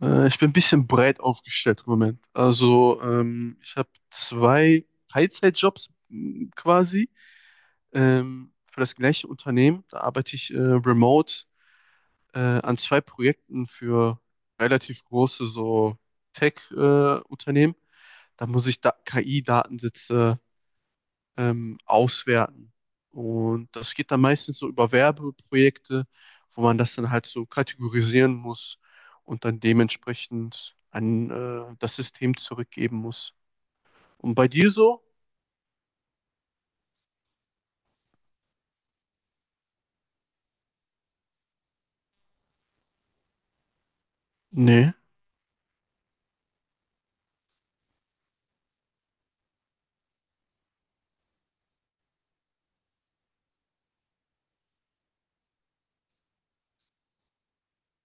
Ich bin ein bisschen breit aufgestellt im Moment. Also, ich habe zwei Teilzeitjobs quasi für das gleiche Unternehmen. Da arbeite ich remote an zwei Projekten für relativ große so Tech-Unternehmen. Da muss ich da KI-Datensätze auswerten. Und das geht dann meistens so über Werbeprojekte, wo man das dann halt so kategorisieren muss und dann dementsprechend an das System zurückgeben muss. Und bei dir so? Nee.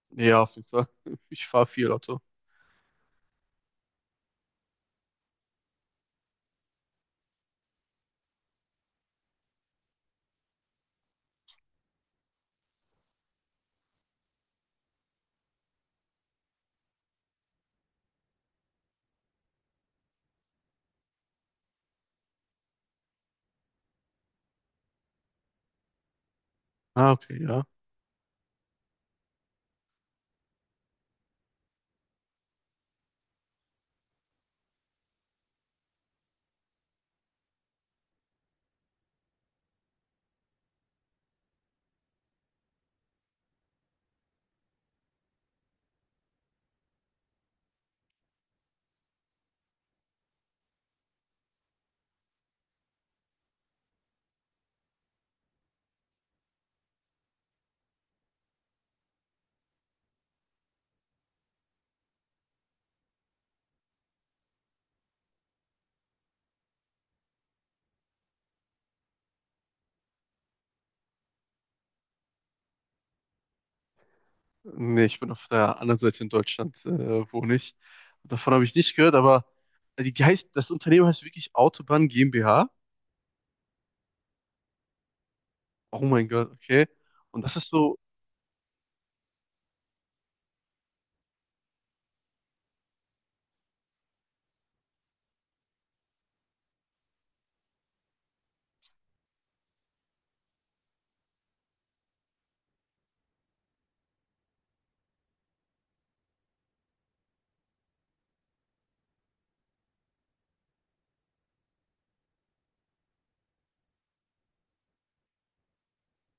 Nee, ja, auf jeden Fall. Ich fahre viel Auto. Ah, okay, ja. Nee, ich bin auf der anderen Seite in Deutschland, wohne ich. Davon habe ich nicht gehört, aber die heißt, das Unternehmen heißt wirklich Autobahn GmbH. Oh mein Gott, okay. Und das ist so.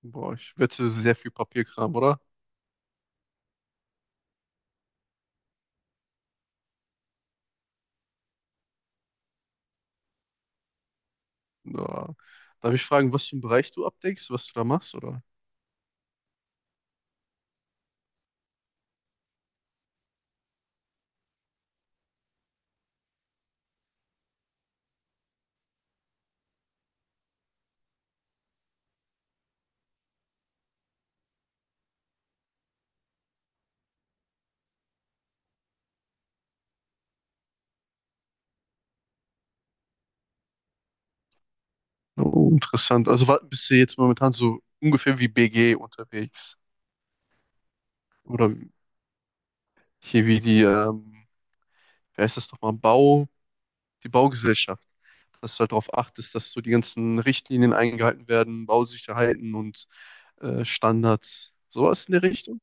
Boah, ich wette, sehr viel Papierkram, oder? Ja. Darf ich fragen, was für einen Bereich du abdeckst, was du da machst, oder? Oh, interessant. Also bist du jetzt momentan so ungefähr wie BG unterwegs? Oder hier wie die, wie heißt das nochmal, die Baugesellschaft. Dass du halt darauf achtest, dass so die ganzen Richtlinien eingehalten werden, Bausicherheiten und Standards. Sowas in der Richtung?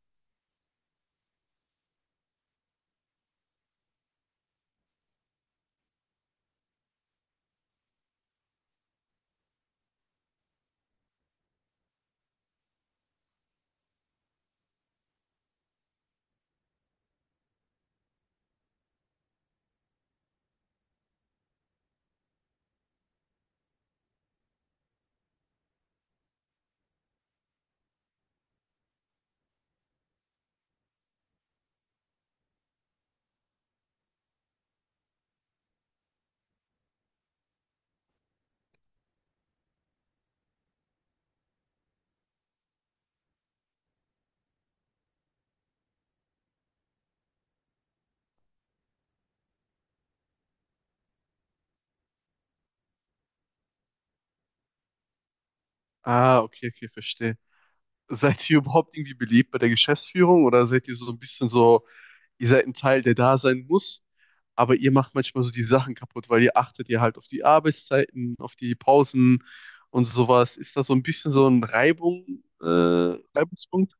Ah, okay, okay, verstehe. Seid ihr überhaupt irgendwie beliebt bei der Geschäftsführung oder seid ihr so ein bisschen so, ihr seid ein Teil, der da sein muss, aber ihr macht manchmal so die Sachen kaputt, weil ihr achtet ja halt auf die Arbeitszeiten, auf die Pausen und sowas. Ist das so ein bisschen so ein Reibungspunkt?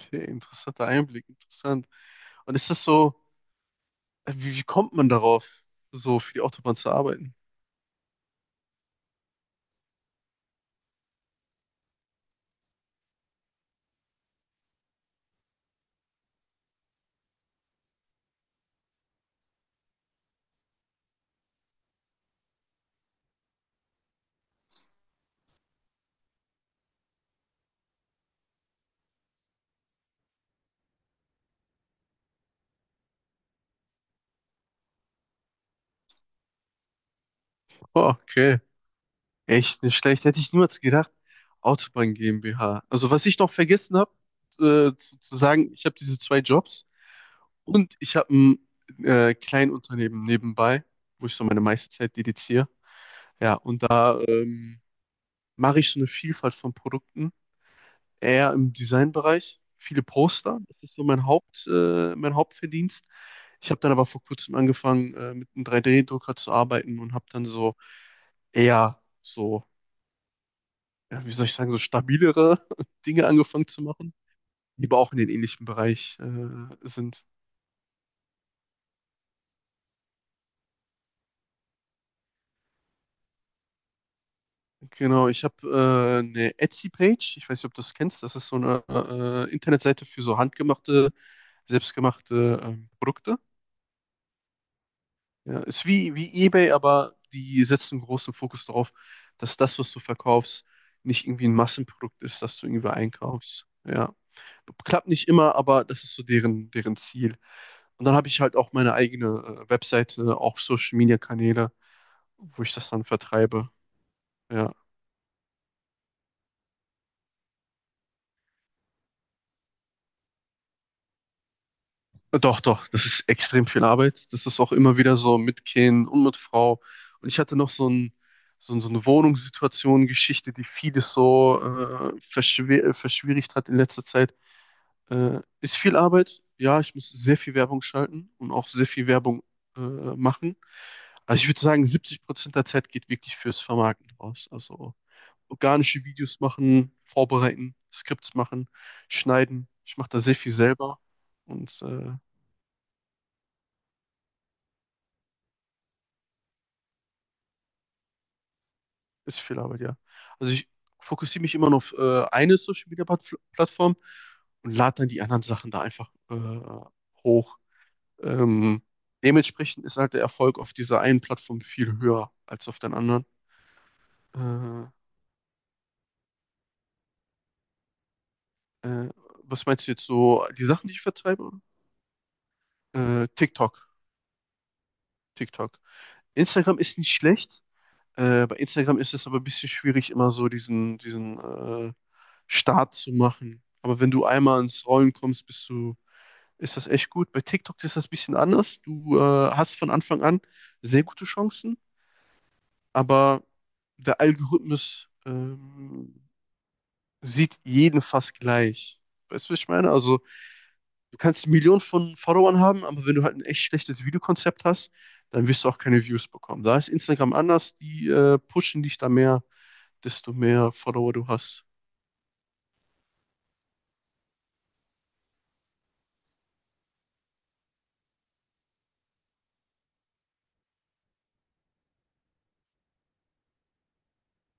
Okay, interessanter Einblick, interessant. Und ist das so, wie kommt man darauf, so für die Autobahn zu arbeiten? Oh, okay. Echt nicht schlecht. Hätte ich niemals gedacht. Autobahn GmbH. Also was ich noch vergessen habe, zu sagen, ich habe diese zwei Jobs und ich habe ein Kleinunternehmen nebenbei, wo ich so meine meiste Zeit dediziere. Ja, und da mache ich so eine Vielfalt von Produkten, eher im Designbereich, viele Poster. Das ist so mein mein Hauptverdienst. Ich habe dann aber vor kurzem angefangen, mit einem 3D-Drucker zu arbeiten und habe dann so eher so, ja, wie soll ich sagen, so stabilere Dinge angefangen zu machen, die aber auch in den ähnlichen Bereich sind. Genau, ich habe eine Etsy-Page. Ich weiß nicht, ob du das kennst. Das ist so eine Internetseite für so handgemachte, selbstgemachte Produkte. Ja, ist wie eBay, aber die setzen großen Fokus darauf, dass das, was du verkaufst, nicht irgendwie ein Massenprodukt ist, das du irgendwie einkaufst. Ja, klappt nicht immer, aber das ist so deren Ziel. Und dann habe ich halt auch meine eigene Webseite, auch Social Media Kanäle, wo ich das dann vertreibe. Ja. Doch, doch, das ist extrem viel Arbeit. Das ist auch immer wieder so mit Kind und mit Frau. Und ich hatte noch so so eine Wohnungssituation, Geschichte, die vieles so verschwer verschwierigt hat in letzter Zeit. Ist viel Arbeit. Ja, ich muss sehr viel Werbung schalten und auch sehr viel Werbung machen. Also ich würde sagen, 70% der Zeit geht wirklich fürs Vermarkten draus. Also organische Videos machen, vorbereiten, Skripts machen, schneiden. Ich mache da sehr viel selber und ist viel Arbeit, ja. Also ich fokussiere mich immer nur auf eine Social Media Plattform und lade dann die anderen Sachen da einfach hoch. Ähm, dementsprechend ist halt der Erfolg auf dieser einen Plattform viel höher als auf den anderen. Äh, äh, Was meinst du jetzt so? Die Sachen, die ich vertreibe? TikTok. TikTok. Instagram ist nicht schlecht. Bei Instagram ist es aber ein bisschen schwierig, immer so diesen Start zu machen. Aber wenn du einmal ins Rollen kommst, ist das echt gut. Bei TikTok ist das ein bisschen anders. Du hast von Anfang an sehr gute Chancen, aber der Algorithmus sieht jeden fast gleich. Weißt du, was ich meine? Also, du kannst Millionen von Followern haben, aber wenn du halt ein echt schlechtes Videokonzept hast, dann wirst du auch keine Views bekommen. Da ist Instagram anders, die pushen dich da mehr, desto mehr Follower du hast.